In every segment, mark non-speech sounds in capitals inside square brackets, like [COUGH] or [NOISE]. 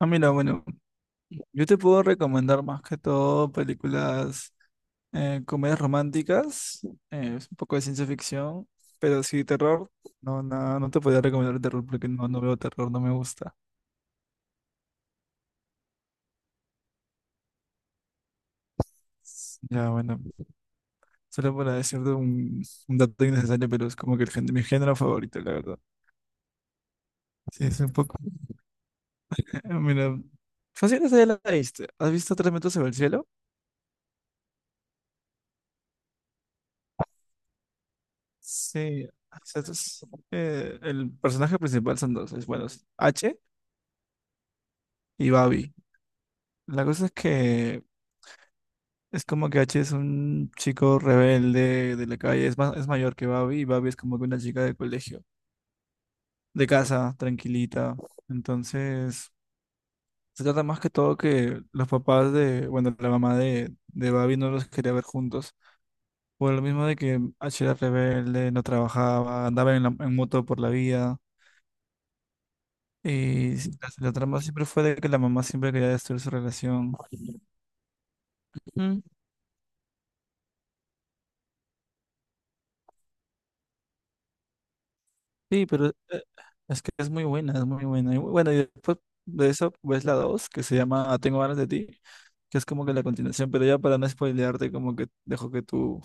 Ah, mira, bueno, yo te puedo recomendar más que todo películas, comedias románticas, es un poco de ciencia ficción, pero sí terror, no, no, no te podría recomendar el terror porque no, no veo terror, no me gusta. Ya, bueno, solo para decirte un dato innecesario, pero es como que mi género favorito, la verdad. Sí, es un poco, [LAUGHS] mira, fácil esa ya la viste. ¿Has visto Tres metros sobre el cielo? Sí, o sea, el personaje principal son dos, es bueno, es H y Babi. La cosa es que es como que H es un chico rebelde de la calle, es, más es mayor que Babi y Babi es como que una chica de colegio, de casa, tranquilita. Entonces, se trata más que todo que los papás de, bueno, la mamá de Babi no los quería ver juntos, por lo mismo de que H era rebelde, no trabajaba, andaba en, en moto por la vida. Y la trama siempre fue de que la mamá siempre quería destruir su relación. Sí, pero es que es muy buena, es muy buena. Y bueno, y después de eso ves la 2 que se llama Ah, Tengo ganas de ti, que es como que la continuación, pero ya para no spoilearte, como que dejo que tú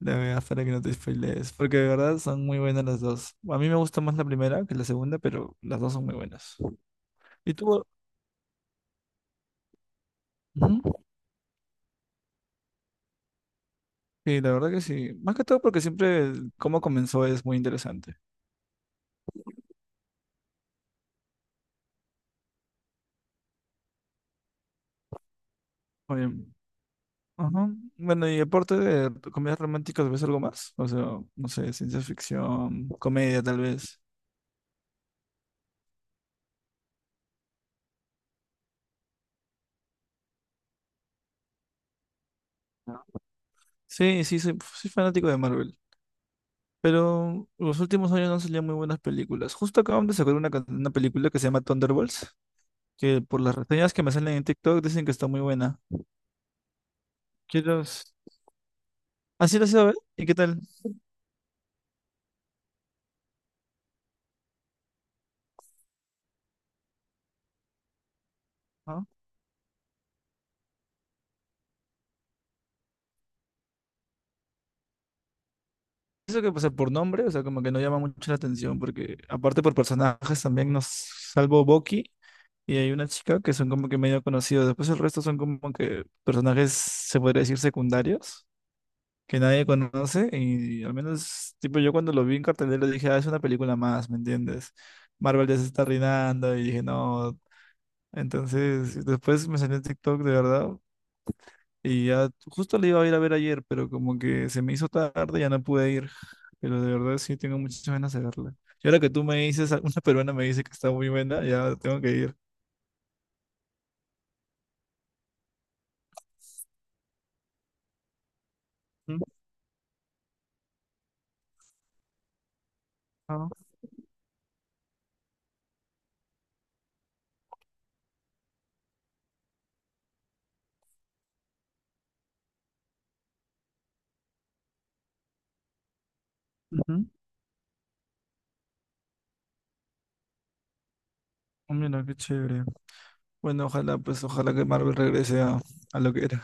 la veas para que no te spoilees, porque de verdad son muy buenas las dos. A mí me gusta más la primera que la segunda, pero las dos son muy buenas. Y tú, ujú. Sí, la verdad que sí. Más que todo porque siempre el cómo comenzó es muy interesante. Oye, ajá. Bueno, y aparte de comedias románticas, ¿ves algo más? O sea, no sé, ciencia ficción, comedia tal vez. No. Sí, sí, soy fanático de Marvel. Pero los últimos años no salían muy buenas películas. Justo acaban de sacar una película que se llama Thunderbolts, que por las reseñas que me salen en TikTok dicen que está muy buena. Quiero... Así lo sé, a ver. ¿Y qué tal? ¿No? Eso que pasa por nombre, o sea, como que no llama mucho la atención, porque aparte por personajes también nos salvo Bucky. Y hay una chica que son como que medio conocidos. Después el resto son como que personajes, se podría decir, secundarios, que nadie conoce. Y al menos, tipo, yo cuando lo vi en cartelera dije, ah, es una película más, ¿me entiendes? Marvel ya se está arruinando y dije, no. Entonces, después me salió en TikTok de verdad. Y ya justo le iba a ir a ver ayer, pero como que se me hizo tarde, ya no pude ir. Pero de verdad sí tengo muchas ganas de verla. Y ahora que tú me dices, una peruana me dice que está muy buena, ya tengo que ir. Ujú, claro. Ujú. Mira, qué chévere. Bueno, ojalá, pues, ojalá que Marvel regrese a lo que era.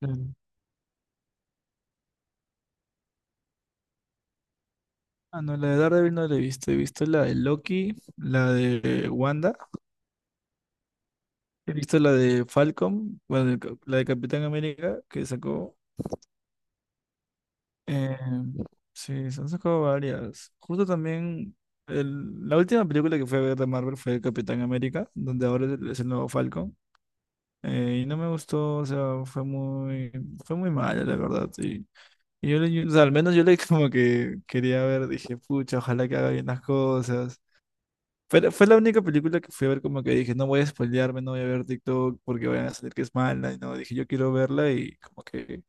Claro. Ah, no, la de Daredevil no la he visto. He visto la de Loki, la de Wanda, he visto la de Falcon, bueno, la de Capitán América que sacó. eh, sí, se han sacado varias. Justo también, la última película que fue a ver de Marvel fue Capitán América, donde ahora es el nuevo Falcon. Y no me gustó, o sea, fue muy mala, la verdad. Y y yo, o sea, al menos yo le [LAUGHS] como que quería ver, dije, pucha, ojalá que haga bien las cosas. Fue, fue la única película que fui a ver como que dije, no voy a spoilearme, no voy a ver TikTok porque vayan a salir que es mala. Y no, dije, yo quiero verla y como que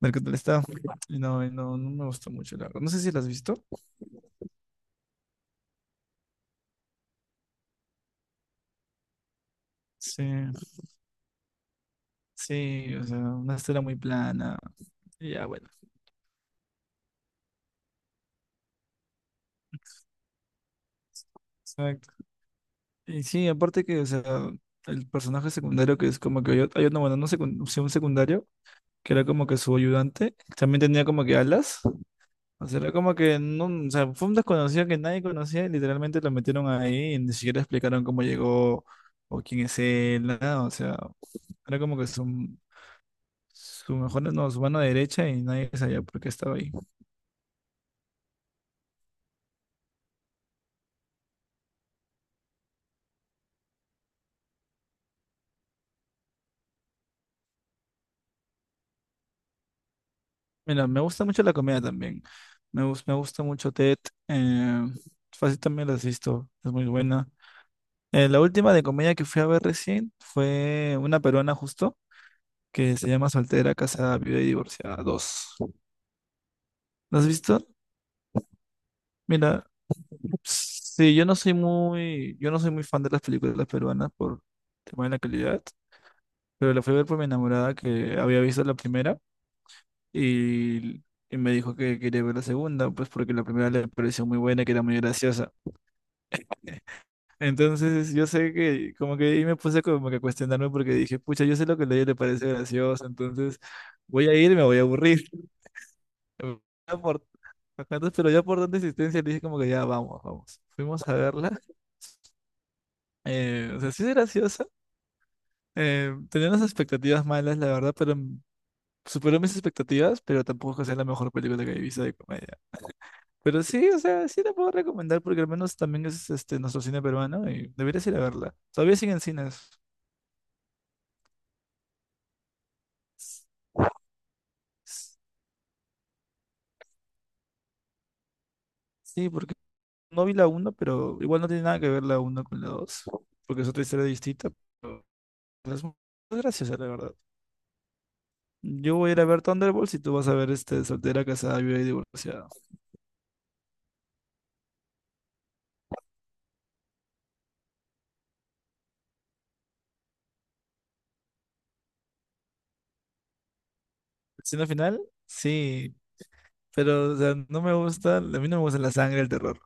ver qué tal está. Y no, no me gustó mucho, la verdad. No sé si la has visto. Sí, sí, o sea, una historia muy plana. Y ya, bueno. Exacto. Y sí, aparte que, o sea, el personaje secundario que es como que hay, hay otro, bueno, no secun- sí, un secundario, que era como que su ayudante, también tenía como que alas. O sea, era como que no, o sea, fue un desconocido que nadie conocía y literalmente lo metieron ahí y ni siquiera explicaron cómo llegó o quién es él, nada. O sea, era como que su mejor, no, su mano derecha y nadie sabía por qué estaba ahí. Mira, me gusta mucho la comida también. Me, me gusta mucho TED. Eh, fácil también la asisto, es muy buena. La última de comedia que fui a ver recién fue una peruana justo. Que se llama Soltera, Casada, Viuda y Divorciada dos. ¿Lo has visto? Mira, sí, yo no soy muy fan de las películas peruanas por tema de la calidad, pero la fui a ver por mi enamorada que había visto la primera y, y me dijo que quería ver la segunda, pues porque la primera le pareció muy buena, y que era muy graciosa. Entonces yo sé que como que ahí me puse como que a cuestionarme porque dije, pucha, yo sé lo que a ella le parece gracioso, entonces voy a ir y me voy a aburrir. [LAUGHS] Por bacanas, pero ya por tanta insistencia le dije como que ya vamos, vamos. Fuimos a verla. O sea, sí es graciosa. Tenía unas expectativas malas, la verdad, pero superó mis expectativas, pero tampoco es que sea la mejor película que he visto de comedia. Pero sí, o sea, sí la puedo recomendar porque al menos también es este nuestro cine peruano y deberías ir a verla. Todavía siguen cines. S- s- Sí, porque no vi la uno, pero igual no tiene nada que ver la uno con la 2, porque es otra historia distinta, pero es muy graciosa, la verdad. Yo voy a ir a ver Thunderbolts y tú vas a ver este soltera, casada, viuda y divorciada. Destino final, sí, pero o sea, no me gusta, a mí no me gusta la sangre, el terror.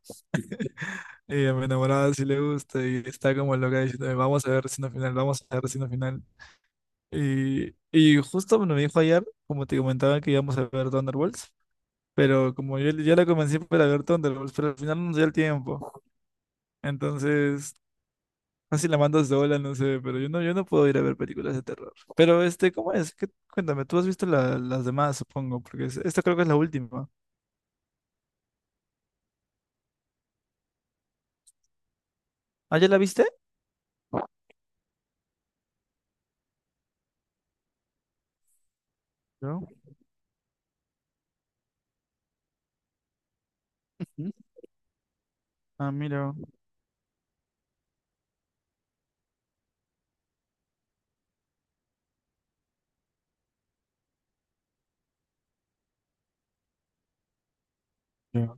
Y a mi enamorada sí le gusta y está como loca diciéndome, vamos a ver Destino final, vamos a ver Destino final. Y justo bueno, me dijo ayer, como te comentaba, que íbamos a ver Thunderbolts, pero como yo ya la convencí para ver Thunderbolts, pero al final no nos dio el tiempo. Entonces [LAUGHS] no sé si la mandas sola, no sé, pero yo no, yo no puedo ir a ver películas de terror. Pero este, ¿cómo es? Cuéntame, tú has visto las demás, supongo, porque esta creo que es la última. ¿Ah, ya la viste? No. ¿Mm? Ah, mira. Ya.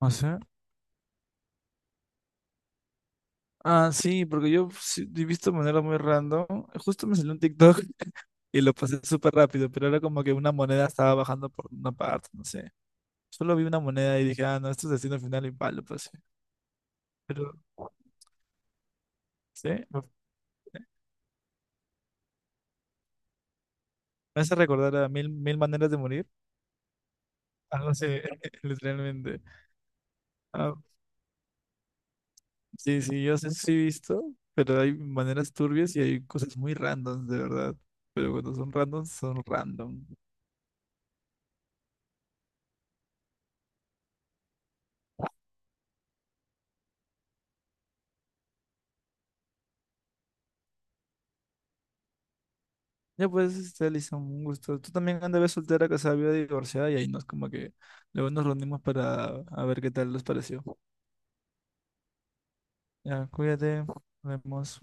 No sé. Ah, sí, porque yo sí he visto de manera muy random. Justo me salió un TikTok [LAUGHS] y lo pasé súper rápido, pero era como que una moneda estaba bajando por una parte, no sé. Solo vi una moneda y dije, ah, no, esto es destino final y palo, pues. Pero, ¿sí? Me hace recordar a mil, mil maneras de morir. Algo así, [LAUGHS] literalmente. Ah, sí, sí, yo sé, sí he visto, pero hay maneras turbias y hay cosas muy randoms, de verdad. Pero cuando son randoms, son random. Ya pues, este, Alison, un gusto. Tú también andabas soltera, casada, viuda, divorciada y ahí nos como que luego nos reunimos para a ver qué tal les pareció. Ya, cuídate, nos vemos.